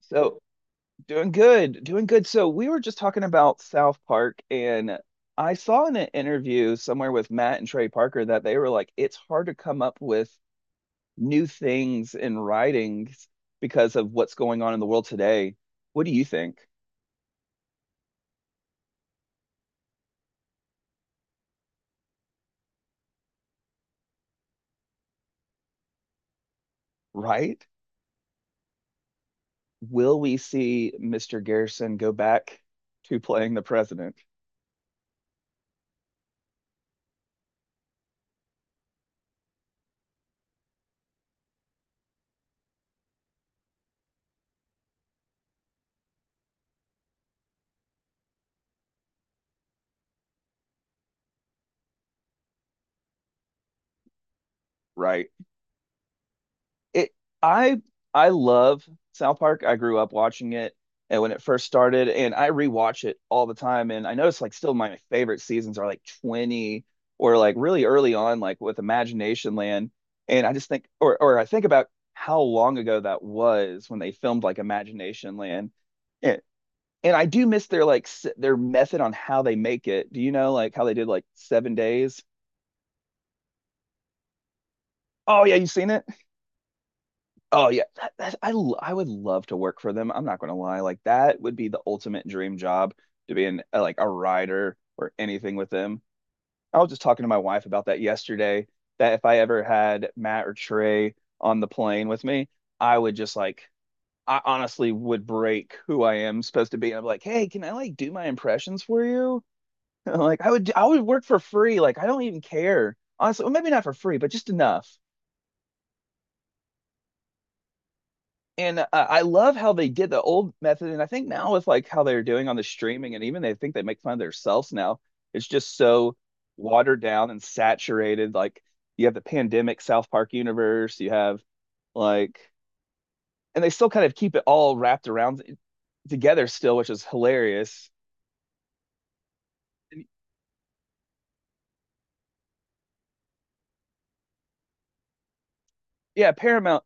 So, doing good, doing good. So, we were just talking about South Park, and I saw in an interview somewhere with Matt and Trey Parker that they were like, it's hard to come up with new things in writings because of what's going on in the world today. What do you think? Right? Will we see Mr. Garrison go back to playing the president? Right. it I I love South Park. I grew up watching it and when it first started, and I rewatch it all the time, and I notice like still my favorite seasons are like 20 or like really early on, like with Imagination Land. And I just think, or I think about how long ago that was when they filmed like Imagination Land. And, and I do miss their like their method on how they make it. Do you know like how they did like 7 days? Oh yeah, you've seen it? Oh yeah, that, that, I would love to work for them. I'm not going to lie. Like that would be the ultimate dream job to be in like a writer or anything with them. I was just talking to my wife about that yesterday, that if I ever had Matt or Trey on the plane with me, I would just like, I honestly would break who I am supposed to be, and I'm like, "Hey, can I like do my impressions for you?" Like I would work for free. Like I don't even care. Honestly, well, maybe not for free, but just enough. And I love how they did the old method, and I think now with like how they're doing on the streaming, and even they think they make fun of themselves now. It's just so watered down and saturated. Like you have the pandemic South Park universe, you have like, and they still kind of keep it all wrapped around together still, which is hilarious. And yeah, Paramount.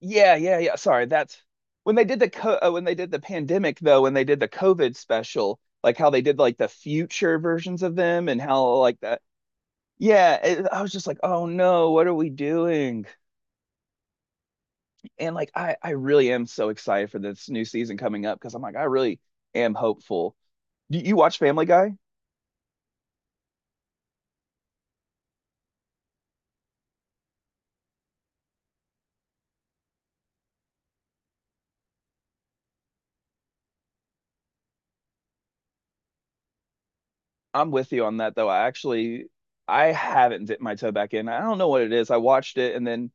Yeah, yeah, yeah. Sorry, that's when they did the when they did the pandemic though, when they did the COVID special, like how they did like the future versions of them, and how like the yeah it, I was just like, oh no, what are we doing? And like I really am so excited for this new season coming up because I'm like I really am hopeful. Do you watch Family Guy? I'm with you on that though. I actually, I haven't dipped my toe back in. I don't know what it is. I watched it, and then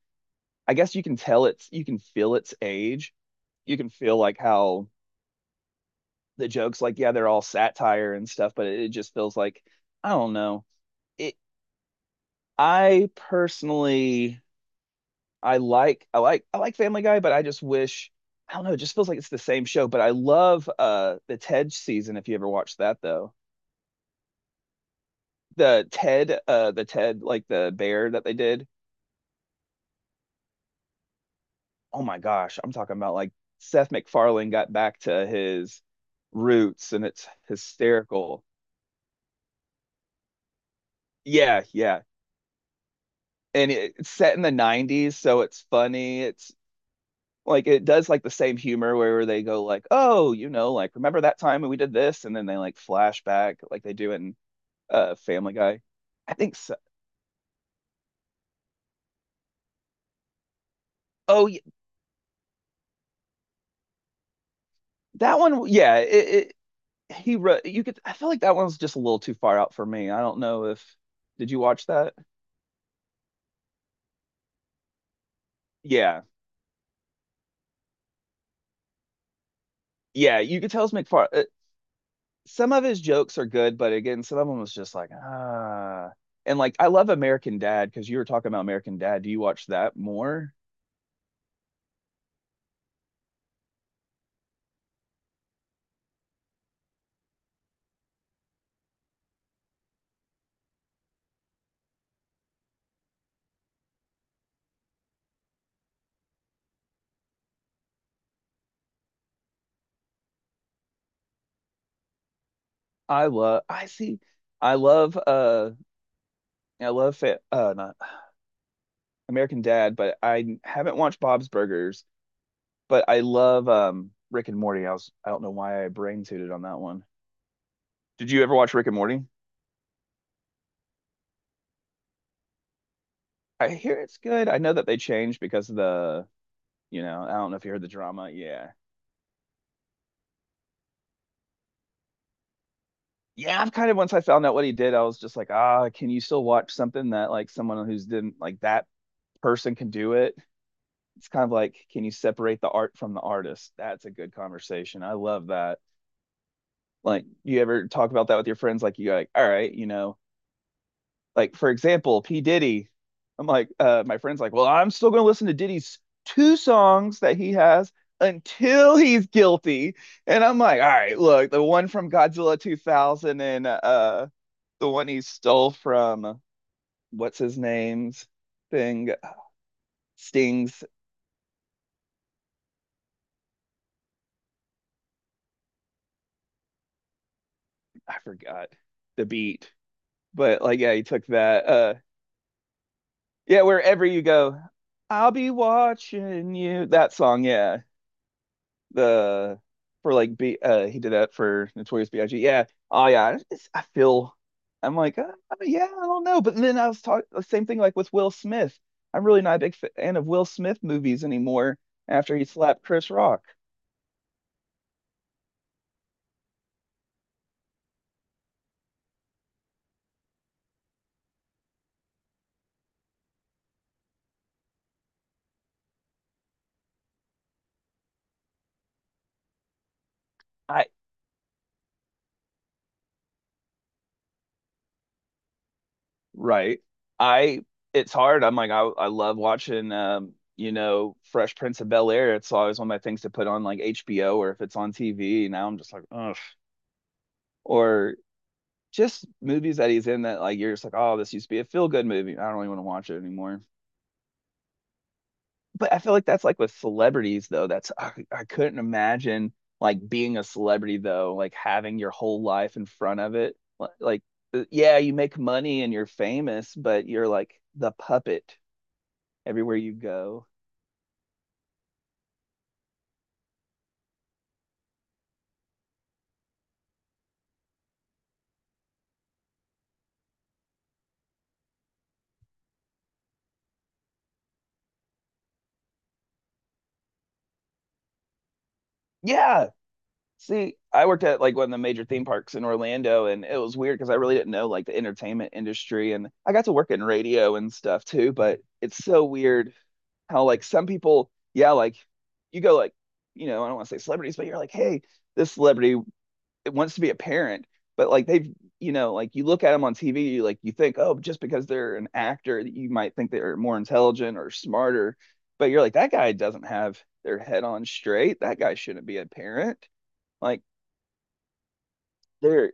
I guess you can tell it's, you can feel its age. You can feel like how the jokes, like yeah, they're all satire and stuff, but it just feels like, I don't know. It i personally, I like I like Family Guy, but I just wish, I don't know, it just feels like it's the same show. But I love the Ted season, if you ever watched that though. The Ted the Ted, like the bear that they did. Oh my gosh, I'm talking about like Seth MacFarlane got back to his roots, and it's hysterical. Yeah, yeah. And it's set in the 90s, so it's funny. It's like it does like the same humor where they go like, "Oh, you know, like remember that time when we did this?" And then they like flashback like they do in Family Guy. I think so. Oh, yeah, that one. Yeah, it he wrote. You could. I feel like that one's just a little too far out for me. I don't know if. Did you watch that? Yeah, yeah. You could tell it's McFarlane. Some of his jokes are good, but again, some of them was just like, ah. And like, I love American Dad, because you were talking about American Dad. Do you watch that more? I love. I see. I love. I love. Not American Dad, but I haven't watched Bob's Burgers. But I love Rick and Morty. I was, I don't know why I brain tooted on that one. Did you ever watch Rick and Morty? I hear it's good. I know that they changed because of the, you know, I don't know if you heard the drama. Yeah, yeah. I've kind of, once I found out what he did, I was just like, ah, can you still watch something that like someone who's didn't like that person can do it? It's kind of like, can you separate the art from the artist? That's a good conversation. I love that. Like, you ever talk about that with your friends? Like, you're like, all right, you know, like for example, P Diddy. I'm like, my friend's like, well, I'm still gonna listen to Diddy's two songs that he has until he's guilty. And I'm like, all right, look, the one from Godzilla 2000 and the one he stole from what's his name's thing, Sting's, I forgot the beat, but like, yeah, he took that. Yeah, wherever you go, I'll be watching you. That song, yeah. the for like B he did that for Notorious B.I.G. Yeah. Oh yeah. It's, I feel I'm like yeah, I don't know. But then I was talking the same thing, like with Will Smith. I'm really not a big fan of Will Smith movies anymore after he slapped Chris Rock. I right. I it's hard. I'm like I love watching you know Fresh Prince of Bel Air. It's always one of my things to put on like HBO, or if it's on TV. Now I'm just like, ugh. Or just movies that he's in that like, you're just like, oh, this used to be a feel good movie. I don't really want to watch it anymore. But I feel like that's like with celebrities though. That's, I couldn't imagine like being a celebrity though, like having your whole life in front of it. Like, yeah, you make money and you're famous, but you're like the puppet everywhere you go. Yeah. See, I worked at like one of the major theme parks in Orlando, and it was weird because I really didn't know like the entertainment industry, and I got to work in radio and stuff too. But it's so weird how like some people, yeah, like you go like, you know, I don't want to say celebrities, but you're like, hey, this celebrity wants to be a parent, but like they've, you know, like you look at them on TV, you like you think, oh, just because they're an actor, you might think they're more intelligent or smarter, but you're like, that guy doesn't have their head on straight. That guy shouldn't be a parent. Like they're.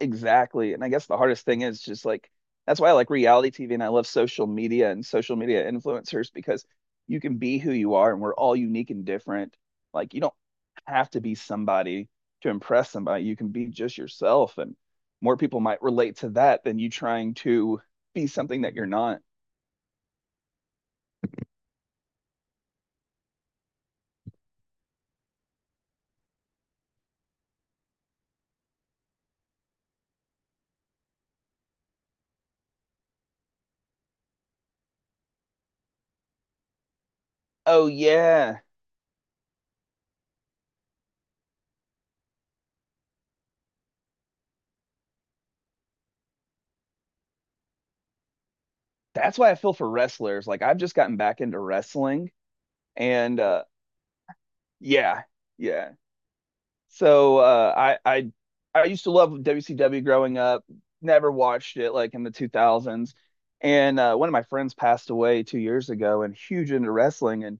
Exactly. And I guess the hardest thing is just like, that's why I like reality TV, and I love social media and social media influencers, because you can be who you are and we're all unique and different. Like you don't have to be somebody to impress somebody. You can be just yourself, and more people might relate to that than you trying to be something that you're not. Oh yeah. That's why I feel for wrestlers. Like I've just gotten back into wrestling, and yeah, yeah. So uh, I I used to love WCW growing up. Never watched it like in the 2000s. And one of my friends passed away 2 years ago and huge into wrestling. And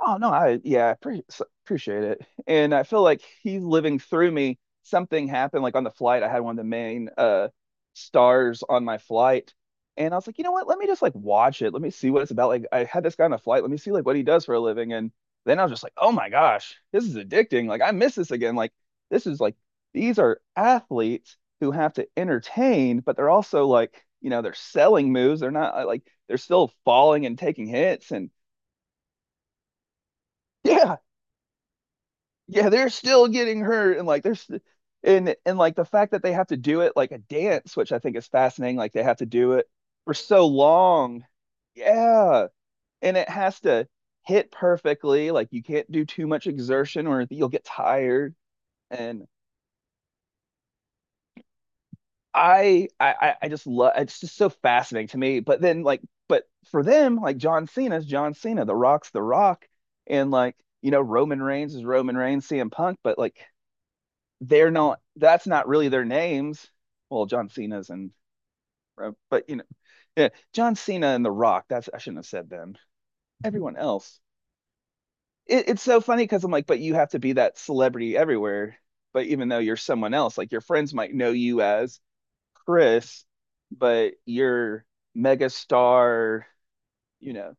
oh no, I yeah, appreciate it. And I feel like he's living through me. Something happened like on the flight. I had one of the main stars on my flight. And I was like, you know what? Let me just like watch it. Let me see what it's about. Like I had this guy on the flight. Let me see like what he does for a living. And then I was just like, oh my gosh, this is addicting. Like I miss this again. Like this is like, these are athletes who have to entertain, but they're also like, you know, they're selling moves. They're not like, they're still falling and taking hits, and yeah, yeah, they're still getting hurt, and like there's and like the fact that they have to do it like a dance, which I think is fascinating. Like they have to do it for so long, yeah, and it has to hit perfectly. Like you can't do too much exertion, or you'll get tired. And just love, it's just so fascinating to me. But then like, but for them like John Cena's John Cena, The Rock's The Rock, and like you know Roman Reigns is Roman Reigns, CM Punk, but like they're not, that's not really their names. Well, John Cena's and but you know, yeah, John Cena and The Rock. That's, I shouldn't have said them. Everyone else. It's so funny because I'm like, but you have to be that celebrity everywhere. But even though you're someone else, like your friends might know you as Chris, but you're mega star. You know,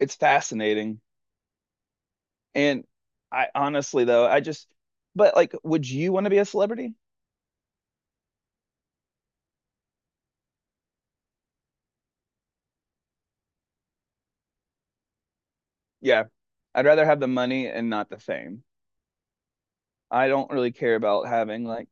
it's fascinating. And I honestly though, I just, but like, would you want to be a celebrity? Yeah, I'd rather have the money and not the fame. I don't really care about having like,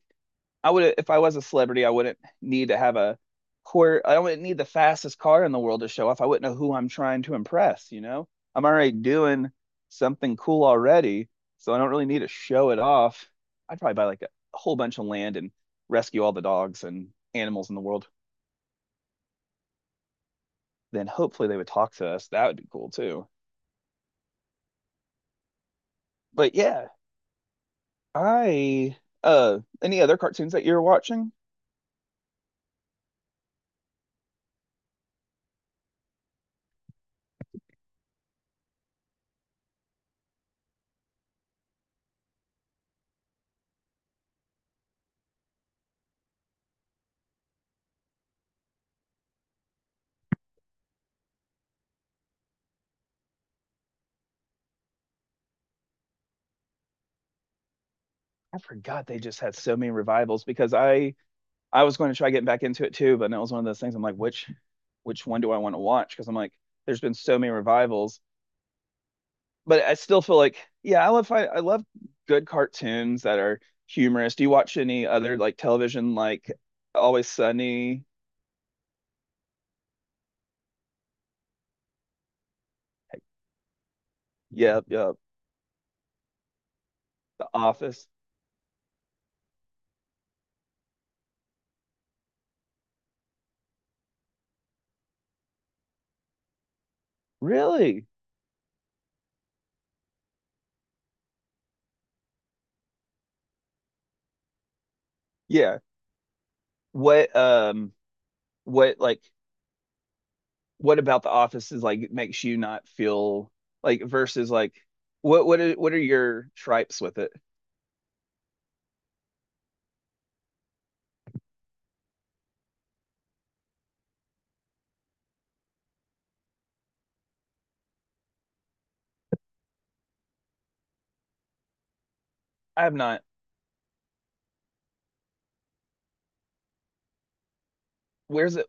I would, if I was a celebrity, I wouldn't need to have a court. I wouldn't need the fastest car in the world to show off. I wouldn't know who I'm trying to impress, you know? I'm already doing something cool already, so I don't really need to show it off. I'd probably buy like a whole bunch of land and rescue all the dogs and animals in the world. Then hopefully they would talk to us. That would be cool too. But yeah, I any other cartoons that you were watching? I forgot they just had so many revivals because I was going to try getting back into it too, but that was one of those things. I'm like, which one do I want to watch? Because I'm like, there's been so many revivals, but I still feel like, yeah, I love good cartoons that are humorous. Do you watch any other like television, like Always Sunny? Yeah, yeah, The Office. Really? Yeah. What um what like, what about The Office is like makes you not feel like, versus like, what are your tripes with it? I have not. Where's it?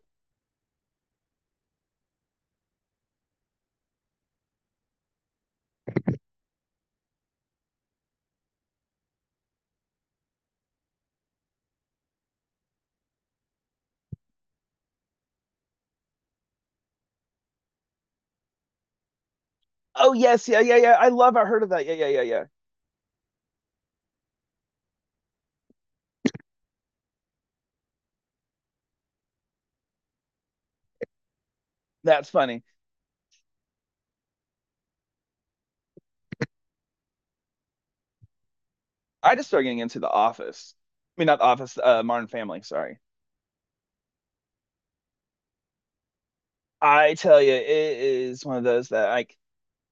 Oh yes, yeah, yeah, yeah. I love. I heard of that. Yeah, yeah, yeah, yeah. That's funny. I just started getting into The Office. I mean, not The Office. Modern Family. Sorry. I tell you, it is one of those that like,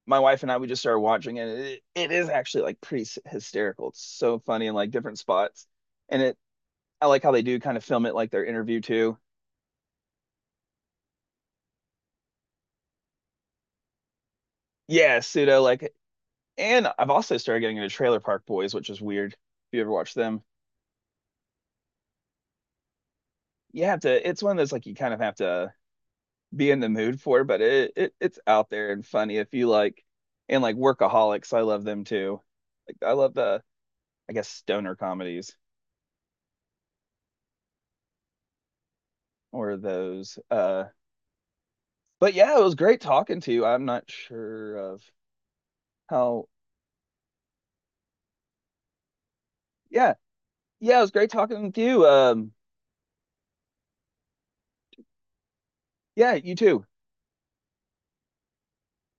my wife and I, we just started watching it. It is actually like pretty hysterical. It's so funny in like different spots, and it. I like how they do kind of film it like their interview too. Yeah, pseudo like. And I've also started getting into Trailer Park Boys, which is weird. If you ever watch them, you have to. It's one of those like, you kind of have to be in the mood for, but it it's out there and funny if you like, and like Workaholics, I love them too. Like I love the, I guess stoner comedies or those. But yeah, it was great talking to you. I'm not sure of how yeah. Yeah, it was great talking with you. Yeah, you too.